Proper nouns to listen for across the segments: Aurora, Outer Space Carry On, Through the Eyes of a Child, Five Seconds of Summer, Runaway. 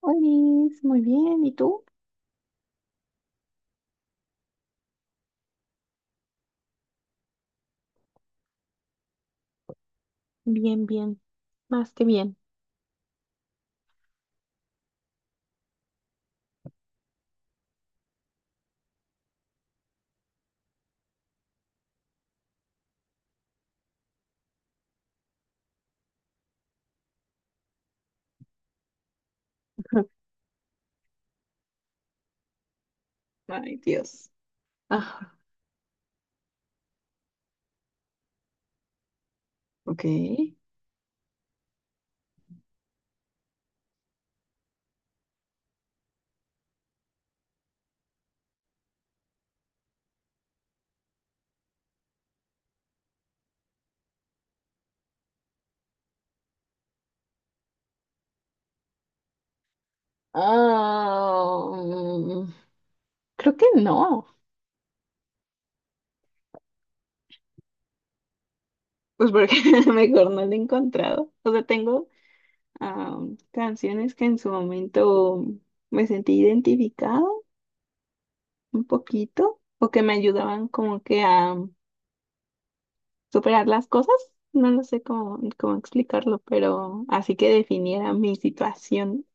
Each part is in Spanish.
Olis, muy bien. ¿Y tú? Bien, bien. Más que bien. Ay, Dios. Ah, Ok. Ah, creo que no. Pues porque mejor no lo he encontrado. O sea, tengo canciones que en su momento me sentí identificado un poquito o que me ayudaban como que a superar las cosas. No lo sé cómo explicarlo, pero así que definiera mi situación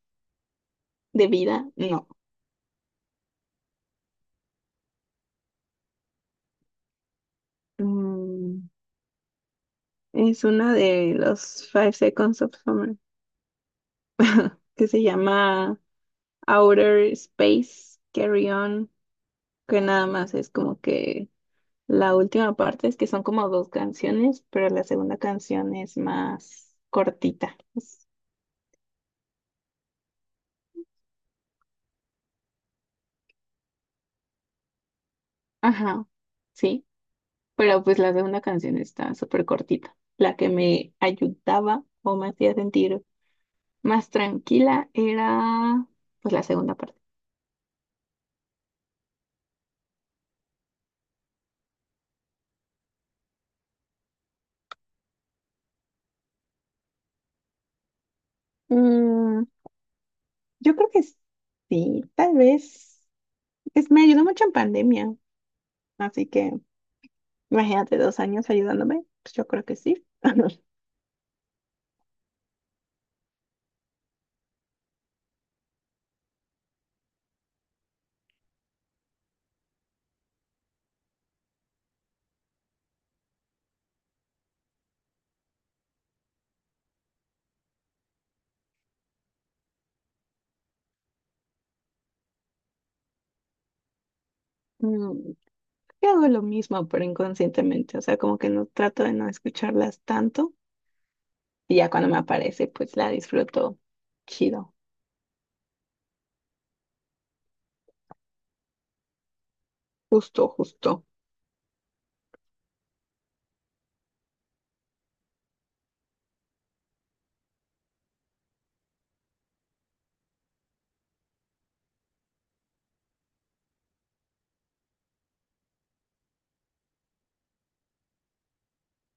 de vida, no. Mm, es una de los Five Seconds of Summer que se llama Outer Space Carry On, que nada más es como que la última parte es que son como dos canciones, pero la segunda canción es más cortita. Ajá, sí, pero pues la segunda canción está súper cortita. La que me ayudaba o me hacía sentir más tranquila era pues la segunda parte. Yo creo que sí, tal vez. Es, me ayudó mucho en pandemia, así que imagínate 2 años ayudándome, pues yo creo que sí. Mm, Yo hago lo mismo, pero inconscientemente, o sea, como que no trato de no escucharlas tanto y ya cuando me aparece, pues la disfruto chido, justo, justo.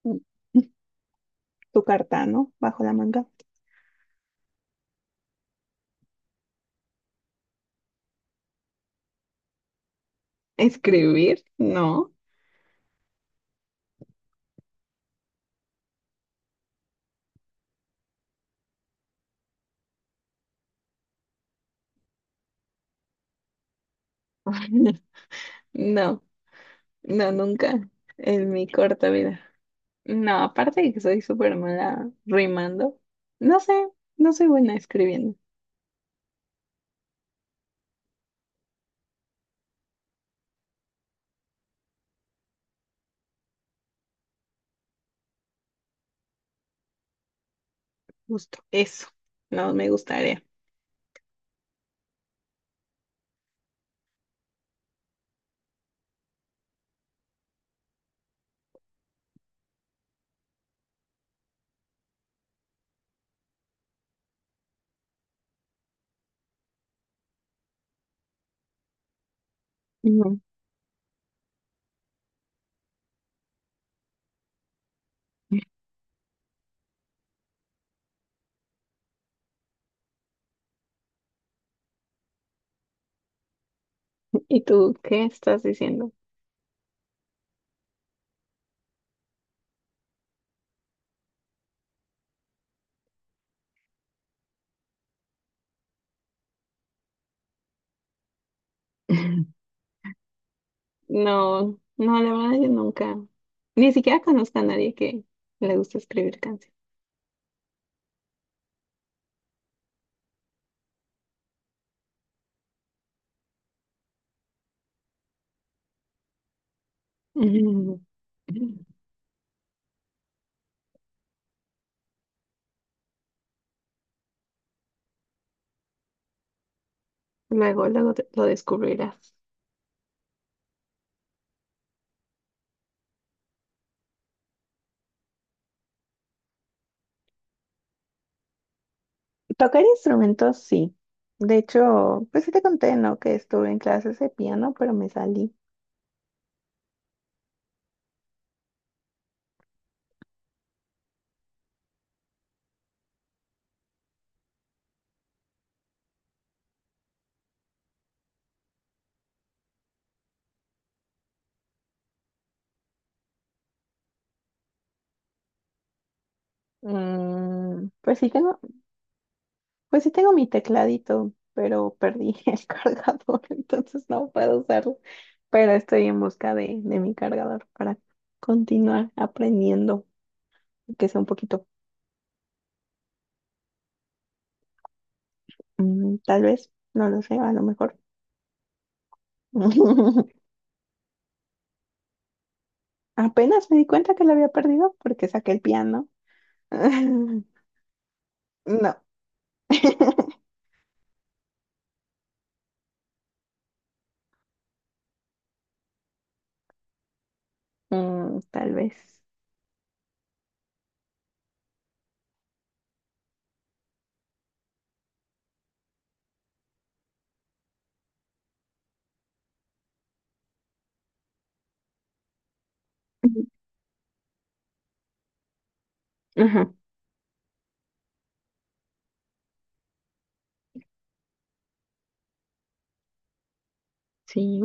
Mm. Tu carta, ¿no? Bajo la manga. ¿Escribir? No. No, no, nunca en mi corta vida. No, aparte de que soy súper mala rimando, no sé, no soy buena escribiendo. Justo eso, no me gustaría. Ujú. ¿Y tú qué estás diciendo? No, no, la verdad yo nunca, ni siquiera conozco a nadie que le guste escribir canciones. Ujú. Luego, luego lo descubrirás. Tocar instrumentos, sí. De hecho, pues sí te conté, ¿no? Que estuve en clases de piano, pero me salí. Mm, pues sí tengo Pues sí tengo mi tecladito, pero perdí el cargador, entonces no puedo usarlo. Pero estoy en busca de mi cargador para continuar aprendiendo, que sea un poquito, tal vez, no lo sé, a lo mejor. Apenas me di cuenta que lo había perdido porque saqué el piano. No. Mm, tal vez. Ajá, sí.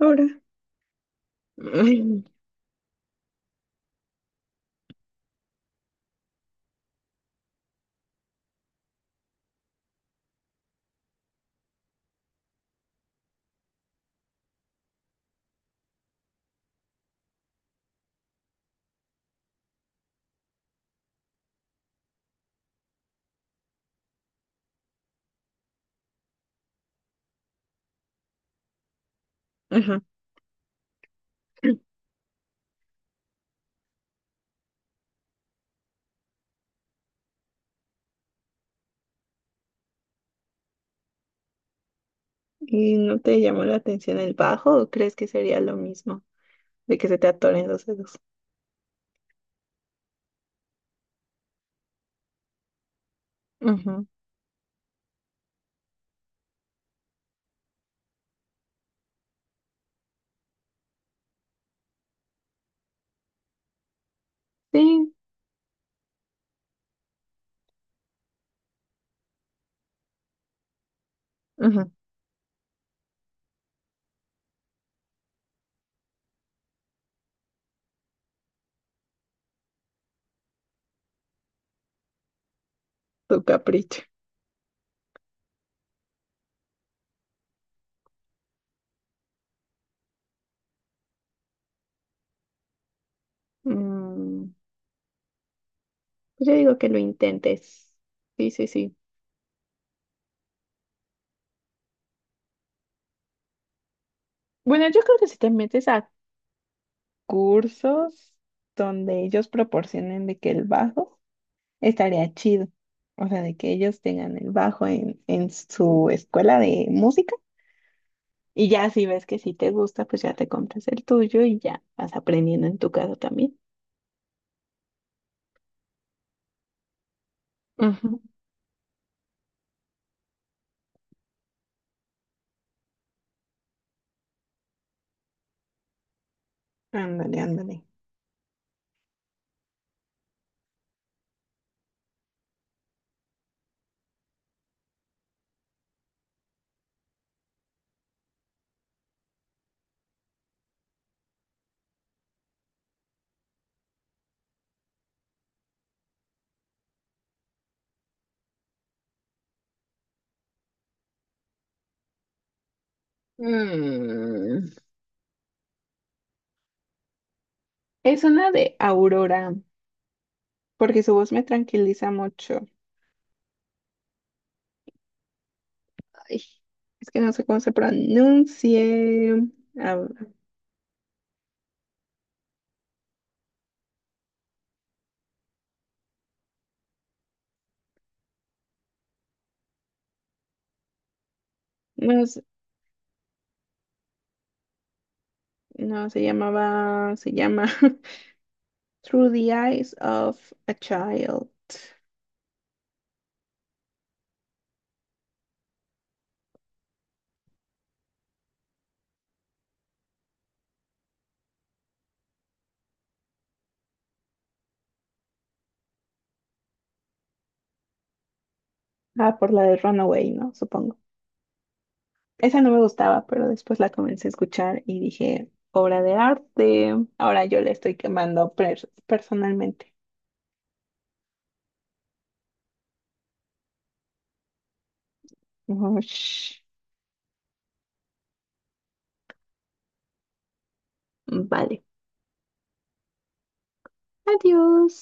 Ahora. Ay, Ajá. ¿Y no te llamó la atención el bajo o crees que sería lo mismo? De que se te atoren los dedos. Ujú, sí, ujú, tu capricho. Mm, pues yo digo que lo intentes. Sí, sí, sí. Bueno, yo creo que si te metes a cursos donde ellos proporcionen de que el bajo estaría chido. O sea, de que ellos tengan el bajo en su escuela de música. Y ya si ves que si te gusta, pues ya te compras el tuyo y ya vas aprendiendo en tu casa también. Ujú. Ándale, ándale. Mm. Es una de Aurora, porque su voz me tranquiliza mucho. Ay, es que no sé cómo se pronuncie. Ah, no, no, se llama Through the Eyes of a Child. Ah, por la de Runaway, ¿no? Supongo. Esa no me gustaba, pero después la comencé a escuchar y dije, obra de arte. Ahora yo le estoy quemando personalmente. Ush. Vale. Adiós.